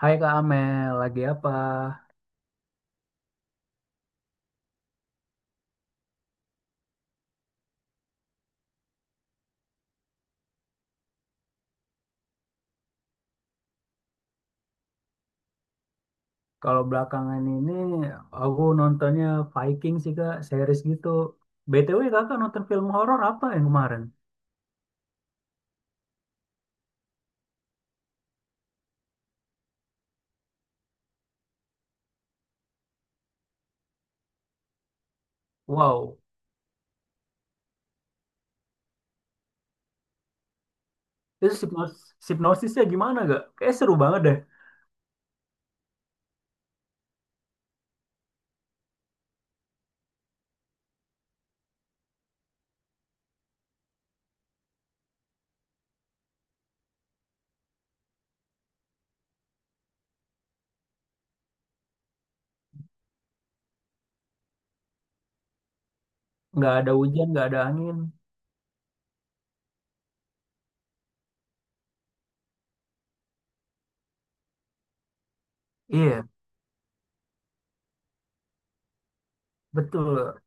Hai Kak Amel, lagi apa? Kalau belakangan ini aku nontonnya Viking sih Kak, series gitu. BTW Kakak nonton film horor apa yang kemarin? Wow, itu hipnosisnya gimana Kak? Kayak seru banget deh. Nggak ada hujan, nggak ada angin. Iya, betul.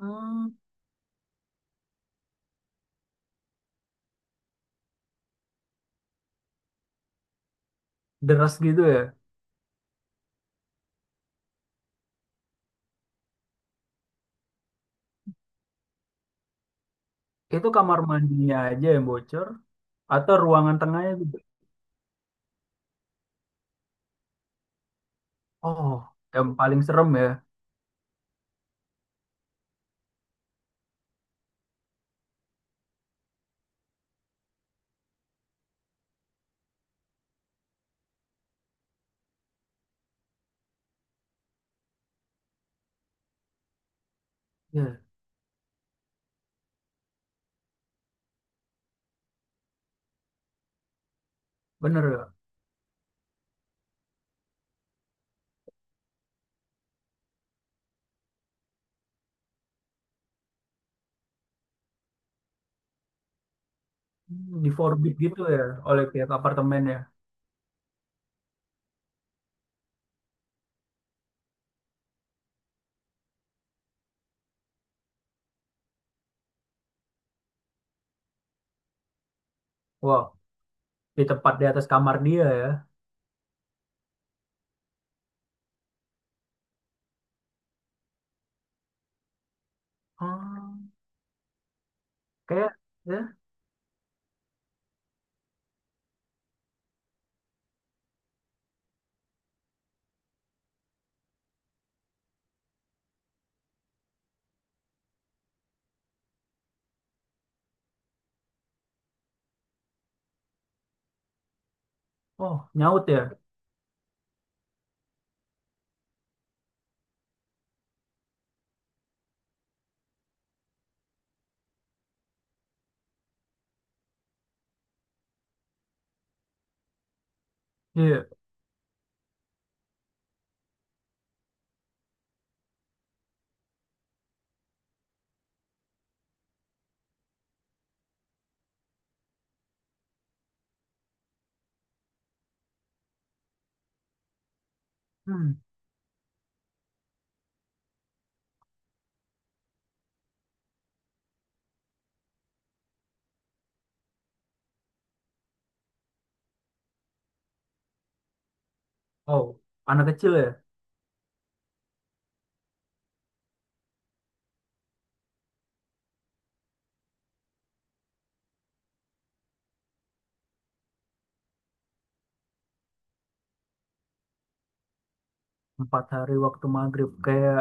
Hmm, deras gitu ya. Itu kamar mandinya aja yang bocor atau ruangan tengahnya gitu? Oh, yang paling serem ya. Iya, bener ya. Hmm, di forbid gitu ya oleh pihak apartemen ya. Wow, di tempat di atas kamar dia ya. Ah, kayak ya. Oh, nyaut ya. Iya. Hmm. Oh, anak kecil ya. Empat hari waktu maghrib kayak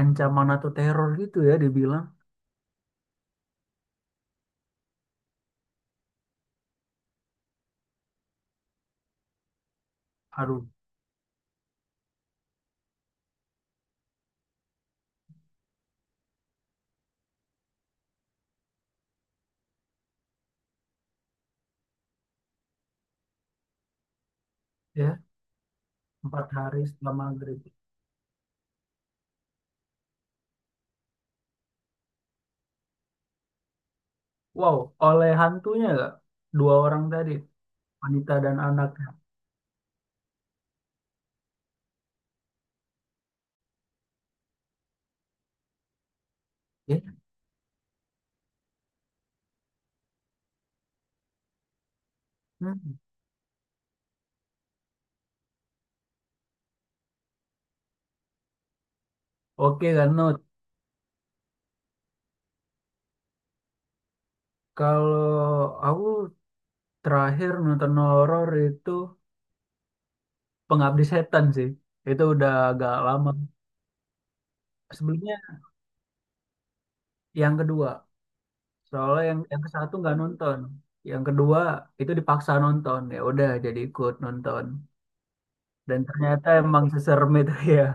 ancaman atau teror gitu ya dibilang. Aduh, ya. Empat hari setelah maghrib. Wow, oleh hantunya gak? Dua orang tadi, wanita dan anaknya. Ya. Hmm. Oke kan, Nut. Kalau aku terakhir nonton horor itu Pengabdi Setan sih. Itu udah agak lama sebelumnya, yang kedua, soalnya yang ke satu nggak nonton, yang kedua itu dipaksa nonton, ya udah jadi ikut nonton dan ternyata emang seserem itu ya.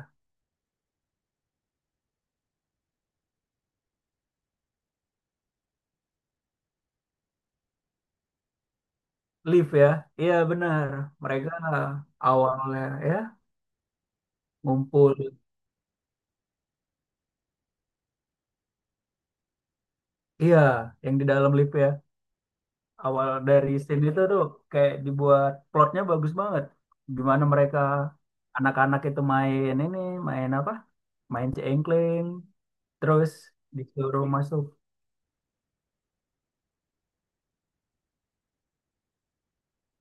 Live ya, iya benar, mereka awalnya ya ngumpul, iya yang di dalam live ya. Awal dari scene itu tuh kayak dibuat plotnya bagus banget, gimana mereka anak-anak itu main ini, main apa, main cengkling, terus disuruh masuk.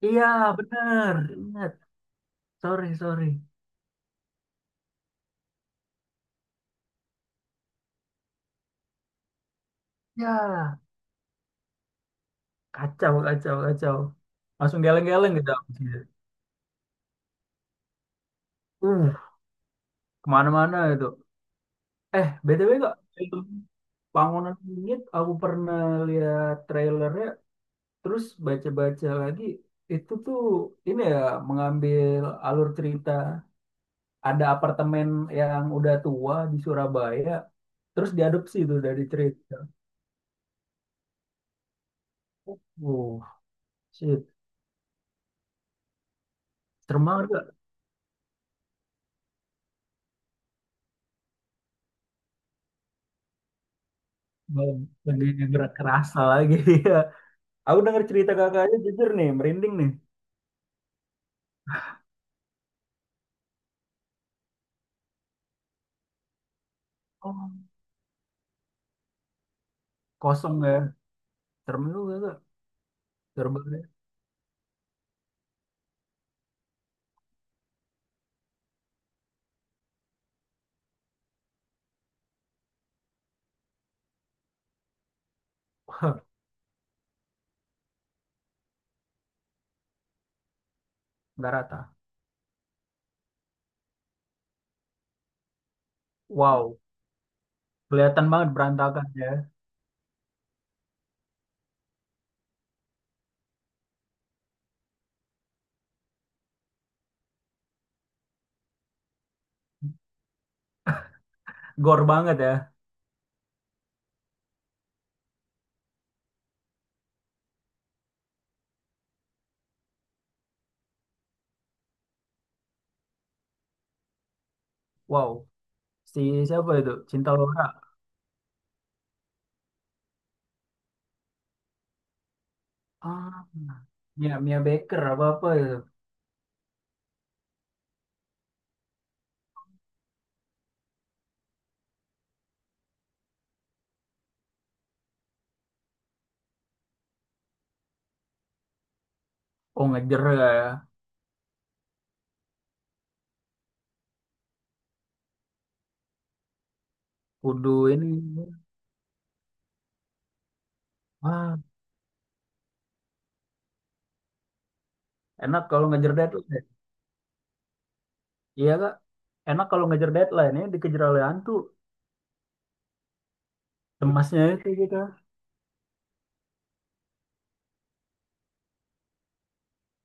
Iya benar, sorry sorry Ya, kacau. Langsung geleng-geleng gitu habisnya. Uh, kemana-mana itu. BTW kok film Bangunan Langit aku pernah lihat trailernya, terus baca-baca lagi. Itu tuh ini ya, mengambil alur cerita, ada apartemen yang udah tua di Surabaya, terus diadopsi itu dari cerita. Uh, shit. Serem banget gak? Bang, lagi gerak kerasa lagi. Aku denger cerita kakaknya jujur nih, merinding nih. Oh. Kosong nggak? Serem lu gak? Serem banget, ya. Wah, nggak rata. Wow, kelihatan banget berantakan ya. Gor banget ya. Wow, si siapa itu? Cinta Laura. Ah, Mia, Mia Baker apa-apa itu. Oh, ngejer ya. Kudu ini. Ah, enak kalau ngejar deadline, ya. Iya, Kak. Enak kalau ngejar deadline. Ini dikejar oleh hantu. Cemasnya itu gitu.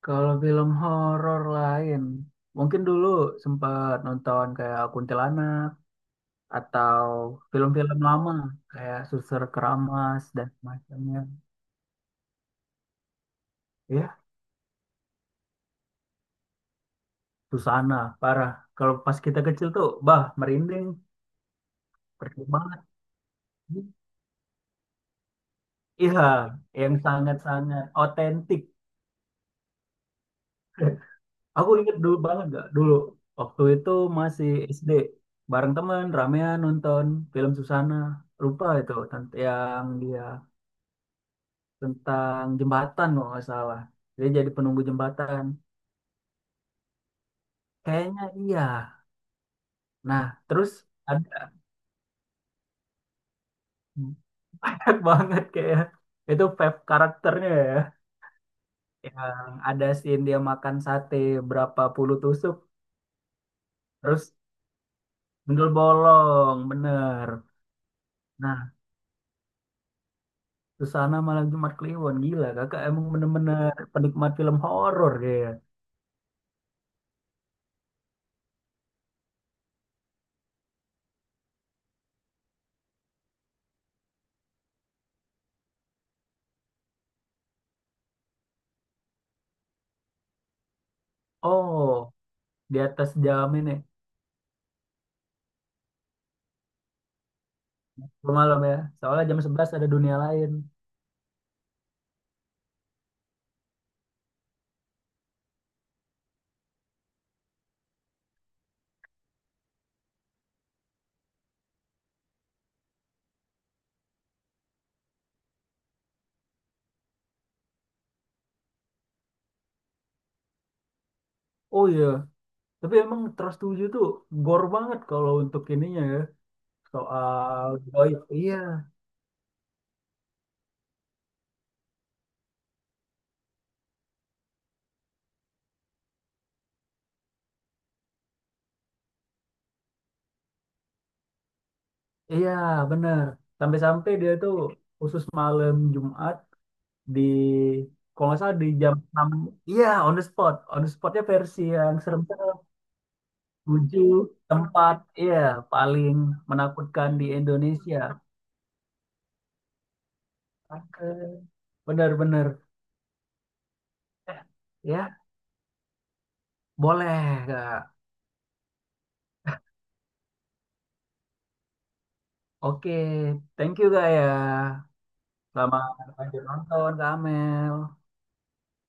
Kalau film horor lain. Mungkin dulu sempat nonton kayak Kuntilanak, atau film-film lama kayak Suster Keramas dan semacamnya. Ya, Susana parah, kalau pas kita kecil tuh bah merinding, percuma banget, iya yang sangat-sangat otentik. Aku inget dulu, banget gak dulu waktu itu masih SD bareng temen ramean nonton film Susana, lupa itu yang dia tentang jembatan kalau nggak salah, dia jadi penunggu jembatan kayaknya, iya nah. Terus ada banyak banget kayak itu vape karakternya ya, yang ada scene dia makan sate berapa puluh tusuk, terus bentul bolong bener. Nah, Susana Malam Jumat Kliwon, gila kakak emang bener-bener penikmat film horor kayak. Oh, di atas jam ini malam ya, soalnya jam 11 ada dunia lain. Oh iya, tapi emang Trust 7 tuh gore banget kalau untuk ininya ya, soal goib iya. Iya, bener. Sampai-sampai dia tuh khusus malam Jumat, di kalau nggak salah di jam enam. Iya, on the spot. On the spotnya versi yang serem-serem. Tujuh tempat, iya, paling menakutkan di Indonesia. Oke. Bener-bener. Ya, boleh, Kak. Oke, thank you, Kak, ya. Selamat lanjut nonton, Kak Amel.